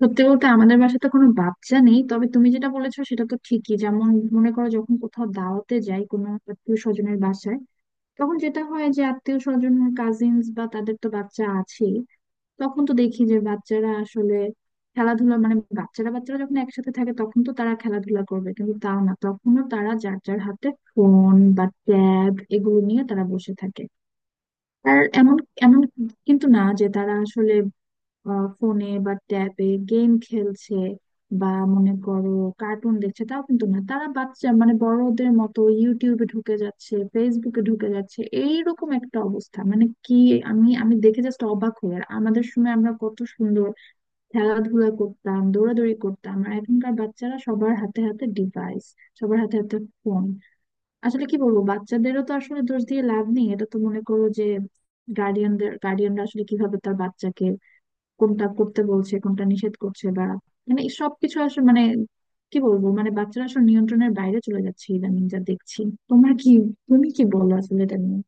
সত্যি বলতে আমাদের বাসায় তো কোনো বাচ্চা নেই, তবে তুমি যেটা বলেছো সেটা তো ঠিকই। যেমন মনে করো, যখন কোথাও দাওয়াতে যাই কোনো আত্মীয় স্বজনের বাসায়, তখন যেটা হয় যে আত্মীয় স্বজন কাজিনস বা তাদের তো বাচ্চা আছে। তখন তো দেখি যে বাচ্চারা আসলে খেলাধুলা মানে বাচ্চারা বাচ্চারা যখন একসাথে থাকে তখন তো তারা খেলাধুলা করবে, কিন্তু তাও না, তখনও তারা যার যার হাতে ফোন বা ট্যাব এগুলো নিয়ে তারা বসে থাকে। আর এমন এমন কিন্তু না যে তারা আসলে ফোনে বা ট্যাবে গেম খেলছে বা মনে করো কার্টুন দেখছে, তাও কিন্তু না। তারা বাচ্চা মানে বড়দের মতো ইউটিউবে ঢুকে যাচ্ছে, ফেসবুকে ঢুকে যাচ্ছে, এইরকম একটা অবস্থা মানে কি! আমি আমি দেখে জাস্ট অবাক হই। আর আমাদের সময় আমরা কত সুন্দর খেলাধুলা করতাম, দৌড়াদৌড়ি করতাম, আর এখনকার বাচ্চারা সবার হাতে হাতে ডিভাইস, সবার হাতে হাতে ফোন। আসলে কি বলবো, বাচ্চাদেরও তো আসলে দোষ দিয়ে লাভ নেই, এটা তো মনে করো যে গার্ডিয়ানরা আসলে কিভাবে তার বাচ্চাকে কোনটা করতে বলছে, কোনটা নিষেধ করছে বা মানে এই সবকিছু আসলে মানে কি বলবো, মানে বাচ্চারা আসলে নিয়ন্ত্রণের বাইরে চলে যাচ্ছে ইদানিং যা দেখছি। তোমার কি, তুমি কি বলো আসলে এটা নিয়ে?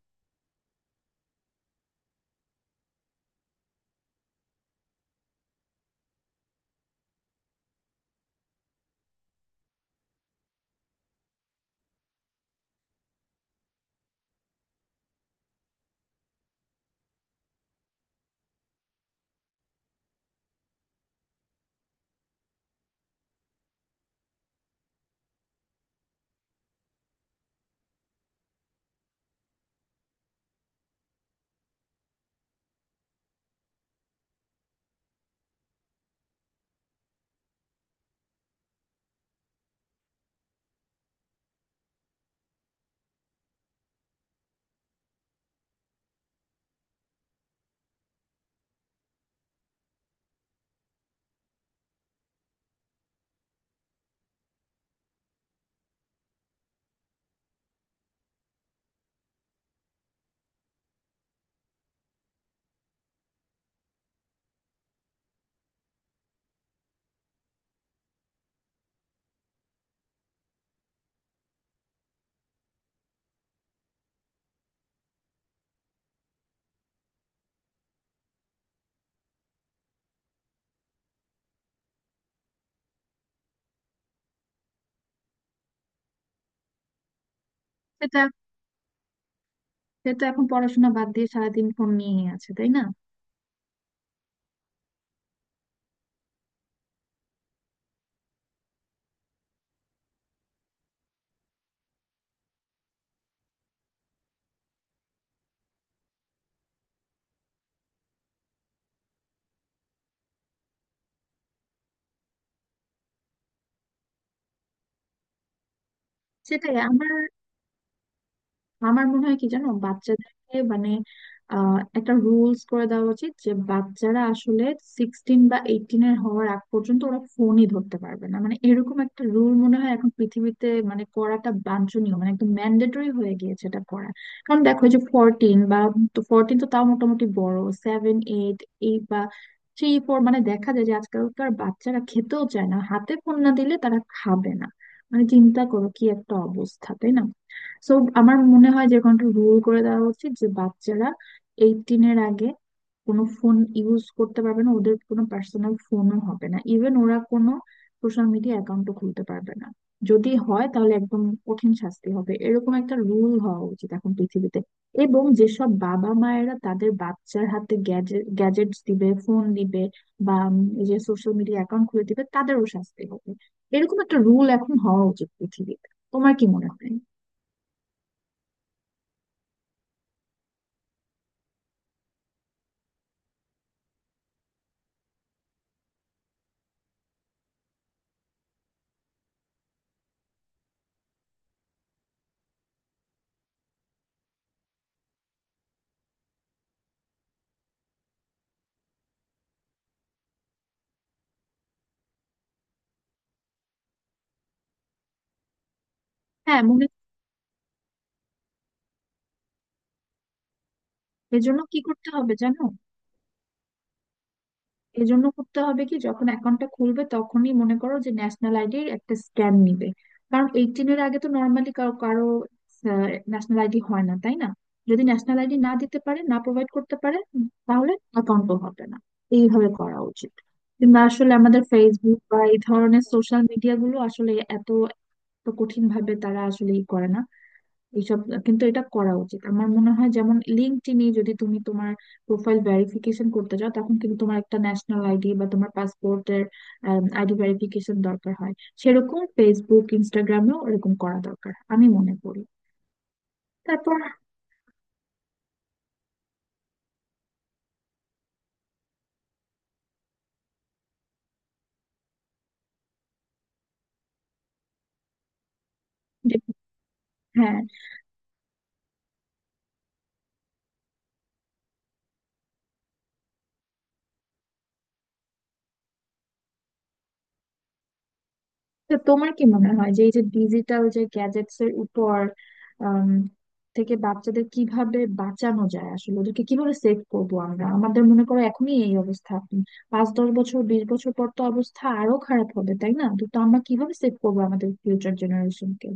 সেটা সেটা এখন পড়াশোনা বাদ দিয়ে সারাদিন ফোন নিয়ে আছে, তাই না? সেটাই আমার আমার মনে হয় কি জানো, বাচ্চাদেরকে মানে একটা রুলস করে দেওয়া উচিত যে বাচ্চারা আসলে 16 বা 18 এর হওয়ার আগ পর্যন্ত ওরা ফোনই ধরতে পারবে না, মানে এরকম একটা রুল মনে হয় এখন পৃথিবীতে মানে করাটা বাঞ্ছনীয়, মানে একদম ম্যান্ডেটরি হয়ে গিয়েছে এটা করা। কারণ দেখো, এই যে 14 বা তো 14 তো তাও মোটামুটি বড়, সেভেন এইট, এইট বা থ্রি ফোর মানে দেখা যায় যে আজকালকার বাচ্চারা খেতেও চায় না, হাতে ফোন না দিলে তারা খাবে না। মানে চিন্তা করো কি একটা অবস্থা, তাই না? সো আমার মনে হয় যে এখন একটা রুল করে দেওয়া উচিত যে বাচ্চারা 18 এর আগে কোনো ফোন ইউজ করতে পারবে না, ওদের কোনো পার্সোনাল ফোনও হবে না, ইভেন ওরা কোনো সোশ্যাল মিডিয়া অ্যাকাউন্টও খুলতে পারবে না। যদি হয় তাহলে একদম কঠিন শাস্তি হবে, এরকম একটা রুল হওয়া উচিত এখন পৃথিবীতে। এবং যেসব বাবা মায়েরা তাদের বাচ্চার হাতে গ্যাজেটস দিবে, ফোন দিবে বা এই যে সোশ্যাল মিডিয়া অ্যাকাউন্ট খুলে দিবে তাদেরও শাস্তি হবে, এরকম একটা রুল এখন হওয়া উচিত পৃথিবীতে। তোমার কি মনে হয়? হ্যাঁ মনে এজন্য কি করতে হবে জানো, এজন্য করতে হবে কি, যখন অ্যাকাউন্টটা খুলবে তখনই মনে করো যে ন্যাশনাল আইডির একটা স্ক্যান নিবে। কারণ 18-এর আগে তো নর্মালি কারো কারো ন্যাশনাল আইডি হয় না, তাই না? যদি ন্যাশনাল আইডি না দিতে পারে, না প্রোভাইড করতে পারে, তাহলে অ্যাকাউন্টও হবে না। এইভাবে করা উচিত। কিন্তু আসলে আমাদের ফেসবুক বা এই ধরনের সোশ্যাল মিডিয়া গুলো আসলে এত এত কঠিন ভাবে তারা আসলে ই করে না এইসব। কিন্তু এটা করা উচিত আমার মনে হয়। যেমন লিঙ্কডইনে যদি তুমি তোমার প্রোফাইল ভেরিফিকেশন করতে চাও, তখন কিন্তু তোমার একটা ন্যাশনাল আইডি বা তোমার পাসপোর্টের আইডি ভেরিফিকেশন দরকার হয়। সেরকম ফেসবুক ইনস্টাগ্রামেও এরকম করা দরকার আমি মনে করি। তারপর যে- হ্যাঁ। তো তোমার কি মনে হয় যে এই যে ডিজিটাল যে গ্যাজেটস এর উপর আম, থেকে বাচ্চাদের কিভাবে বাঁচানো যায়, আসলে ওদেরকে কিভাবে সেভ করবো আমরা? আমাদের মনে করো এখনই এই অবস্থা, 5-10 বছর, 20 বছর পর তো অবস্থা আরো খারাপ হবে তাই না, তো তো আমরা কিভাবে সেভ করবো আমাদের ফিউচার জেনারেশনকে?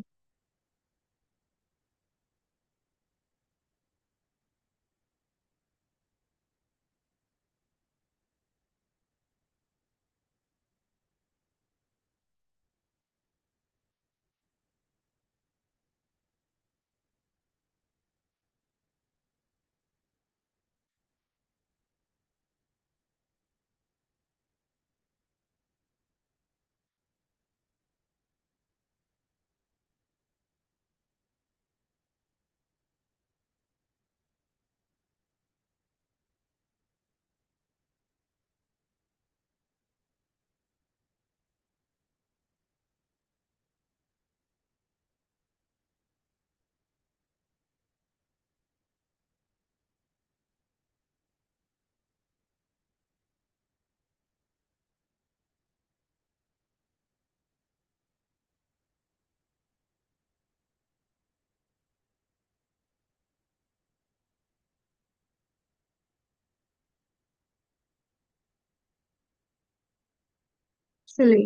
আসলে,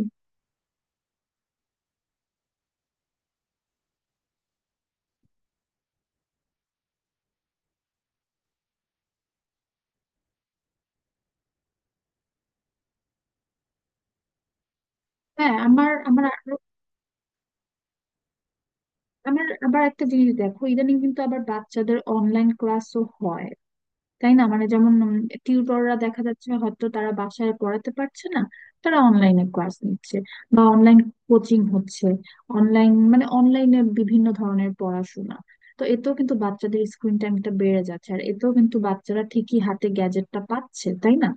হ্যাঁ। আমার আমার আরো- আমার আবার একটা জিনিস দেখো, ইদানিং কিন্তু আবার বাচ্চাদের অনলাইন ক্লাসও হয় তাই না, মানে যেমন টিউটররা দেখা যাচ্ছে হয়তো তারা বাসায় পড়াতে পারছে না, তারা অনলাইনে ক্লাস নিচ্ছে বা অনলাইন কোচিং হচ্ছে, অনলাইন মানে অনলাইনে বিভিন্ন ধরনের পড়াশোনা। তো এতেও কিন্তু বাচ্চাদের স্ক্রিন টাইমটা বেড়ে যাচ্ছে, আর এতেও কিন্তু বাচ্চারা ঠিকই হাতে গ্যাজেটটা পাচ্ছে তাই না।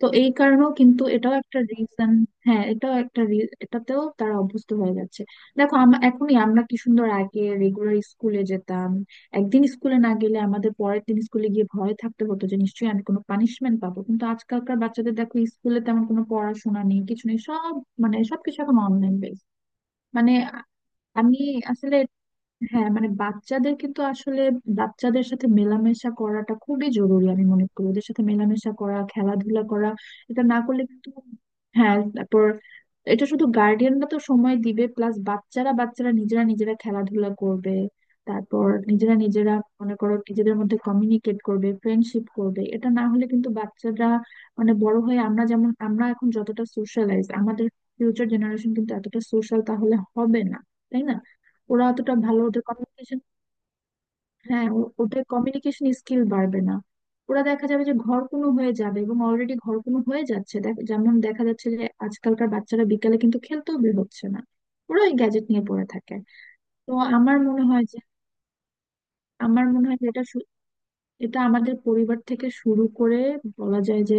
তো এই কারণেও কিন্তু এটাও একটা রিজন। হ্যাঁ এটাতেও তারা অভ্যস্ত হয়ে যাচ্ছে। দেখো, আমরা কি সুন্দর আগে রেগুলার স্কুলে যেতাম, একদিন স্কুলে না গেলে আমাদের পরের দিন স্কুলে গিয়ে ভয় থাকতে হতো যে নিশ্চয়ই আমি কোনো পানিশমেন্ট পাবো। কিন্তু আজকালকার বাচ্চাদের দেখো, স্কুলে তেমন কোনো পড়াশোনা নেই, কিছু নেই, সব মানে সবকিছু এখন অনলাইন বেস। মানে আ- আমি আসলে হ্যাঁ, মানে বাচ্চাদের কিন্তু আসলে বাচ্চাদের সাথে মেলামেশা করাটা খুবই জরুরি আমি মনে করি, ওদের সাথে মেলামেশা করা, খেলাধুলা করা। এটা না করলে কিন্তু হ্যাঁ, তারপর এটা শুধু গার্ডিয়ানরা তো সময় দিবে, প্লাস বাচ্চারা বাচ্চারা নিজেরা নিজেরা খেলাধুলা করবে, তারপর নিজেরা নিজেরা মনে করো নিজেদের মধ্যে কমিউনিকেট করবে, ফ্রেন্ডশিপ করবে। এটা না হলে কিন্তু বাচ্চারা মানে বড় হয়ে, আমরা এখন যতটা সোশ্যালাইজ, আমাদের ফিউচার জেনারেশন কিন্তু এতটা সোশ্যাল তাহলে হবে না, তাই না? ওরা অতটা ভালো ওদের কমিউনিকেশন, হ্যাঁ ওদের কমিউনিকেশন স্কিল বাড়বে না। ওরা দেখা যাবে যে ঘরকুনো হয়ে যাবে, এবং অলরেডি ঘরকুনো হয়ে যাচ্ছে। যেমন দেখা যাচ্ছে যে আজকালকার বাচ্চারা বিকালে কিন্তু খেলতেও বের হচ্ছে না, ওরা ওই গ্যাজেট নিয়ে পড়ে থাকে। তো আমার মনে হয় যে আমার মনে হয় যে এটা আমাদের পরিবার থেকে শুরু করে বলা যায় যে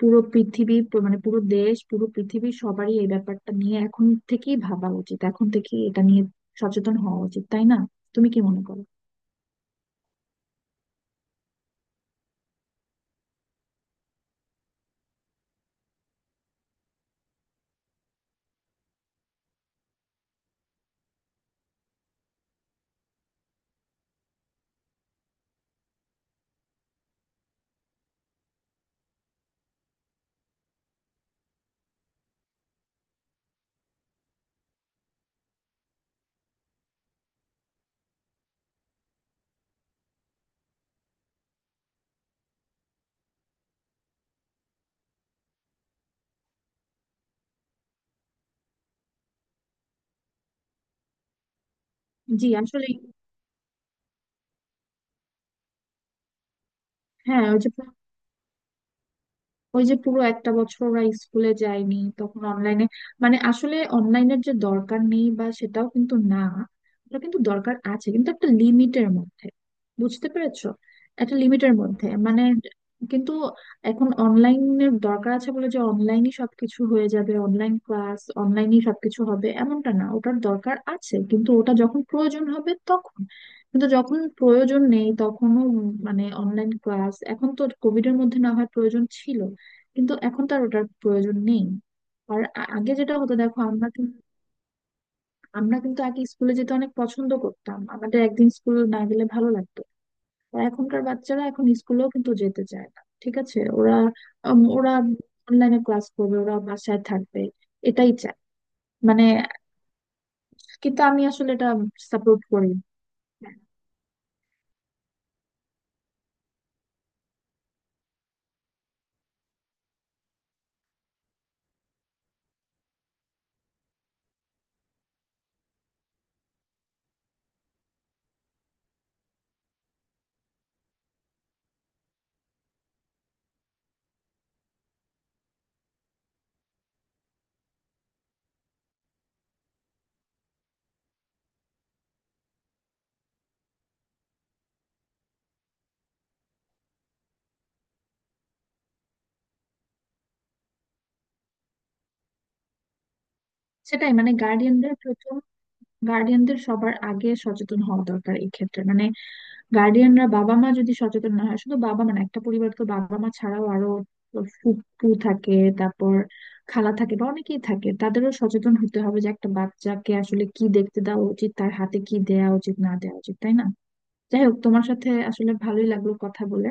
পুরো পৃথিবী মানে পুরো দেশ, পুরো পৃথিবী সবারই এই ব্যাপারটা নিয়ে এখন থেকেই ভাবা উচিত, এখন থেকেই এটা নিয়ে সচেতন হওয়া উচিত তাই না? তুমি কি মনে করো? জি আসলে হ্যাঁ, ওই যে পুরো একটা বছর ওরা স্কুলে যায়নি তখন অনলাইনে, মানে আসলে অনলাইনের যে দরকার নেই বা সেটাও কিন্তু না, ওটা কিন্তু দরকার আছে, কিন্তু একটা লিমিটের মধ্যে। বুঝতে পেরেছো, একটা লিমিটের মধ্যে মানে। কিন্তু এখন অনলাইনের দরকার আছে বলে যে অনলাইনই সবকিছু হয়ে যাবে, অনলাইন ক্লাস অনলাইনই সবকিছু হবে, এমনটা না। ওটার দরকার আছে কিন্তু ওটা যখন প্রয়োজন হবে তখন, কিন্তু যখন প্রয়োজন নেই তখনও মানে অনলাইন ক্লাস, এখন তো কোভিড এর মধ্যে না হয় প্রয়োজন ছিল, কিন্তু এখন তো আর ওটার প্রয়োজন নেই। আর আগে যেটা হতো দেখো, আমরা কিন্তু আগে স্কুলে যেতে অনেক পছন্দ করতাম, আমাদের একদিন স্কুল না গেলে ভালো লাগতো। আর এখনকার বাচ্চারা এখন স্কুলেও কিন্তু যেতে চায় না, ঠিক আছে। ওরা ওরা অনলাইনে ক্লাস করবে, ওরা বাসায় থাকবে, এটাই চায় মানে। কিন্তু আমি আসলে এটা সাপোর্ট করি না। হ্যাঁ, সেটাই মানে গার্ডিয়ানদের সবার আগে সচেতন হওয়া দরকার এই ক্ষেত্রে। মানে গার্ডিয়ানরা, বাবা মা যদি সচেতন না হয়, শুধু বাবা মা না, একটা পরিবার তো বাবা মা ছাড়াও আরো ফুপু থাকে, তারপর খালা থাকে বা অনেকেই থাকে, তাদেরও সচেতন হতে হবে যে একটা বাচ্চাকে আসলে কি দেখতে দেওয়া উচিত, তার হাতে কি দেওয়া উচিত, না দেওয়া উচিত, তাই না? যাই হোক, তোমার সাথে আসলে ভালোই লাগলো কথা বলে।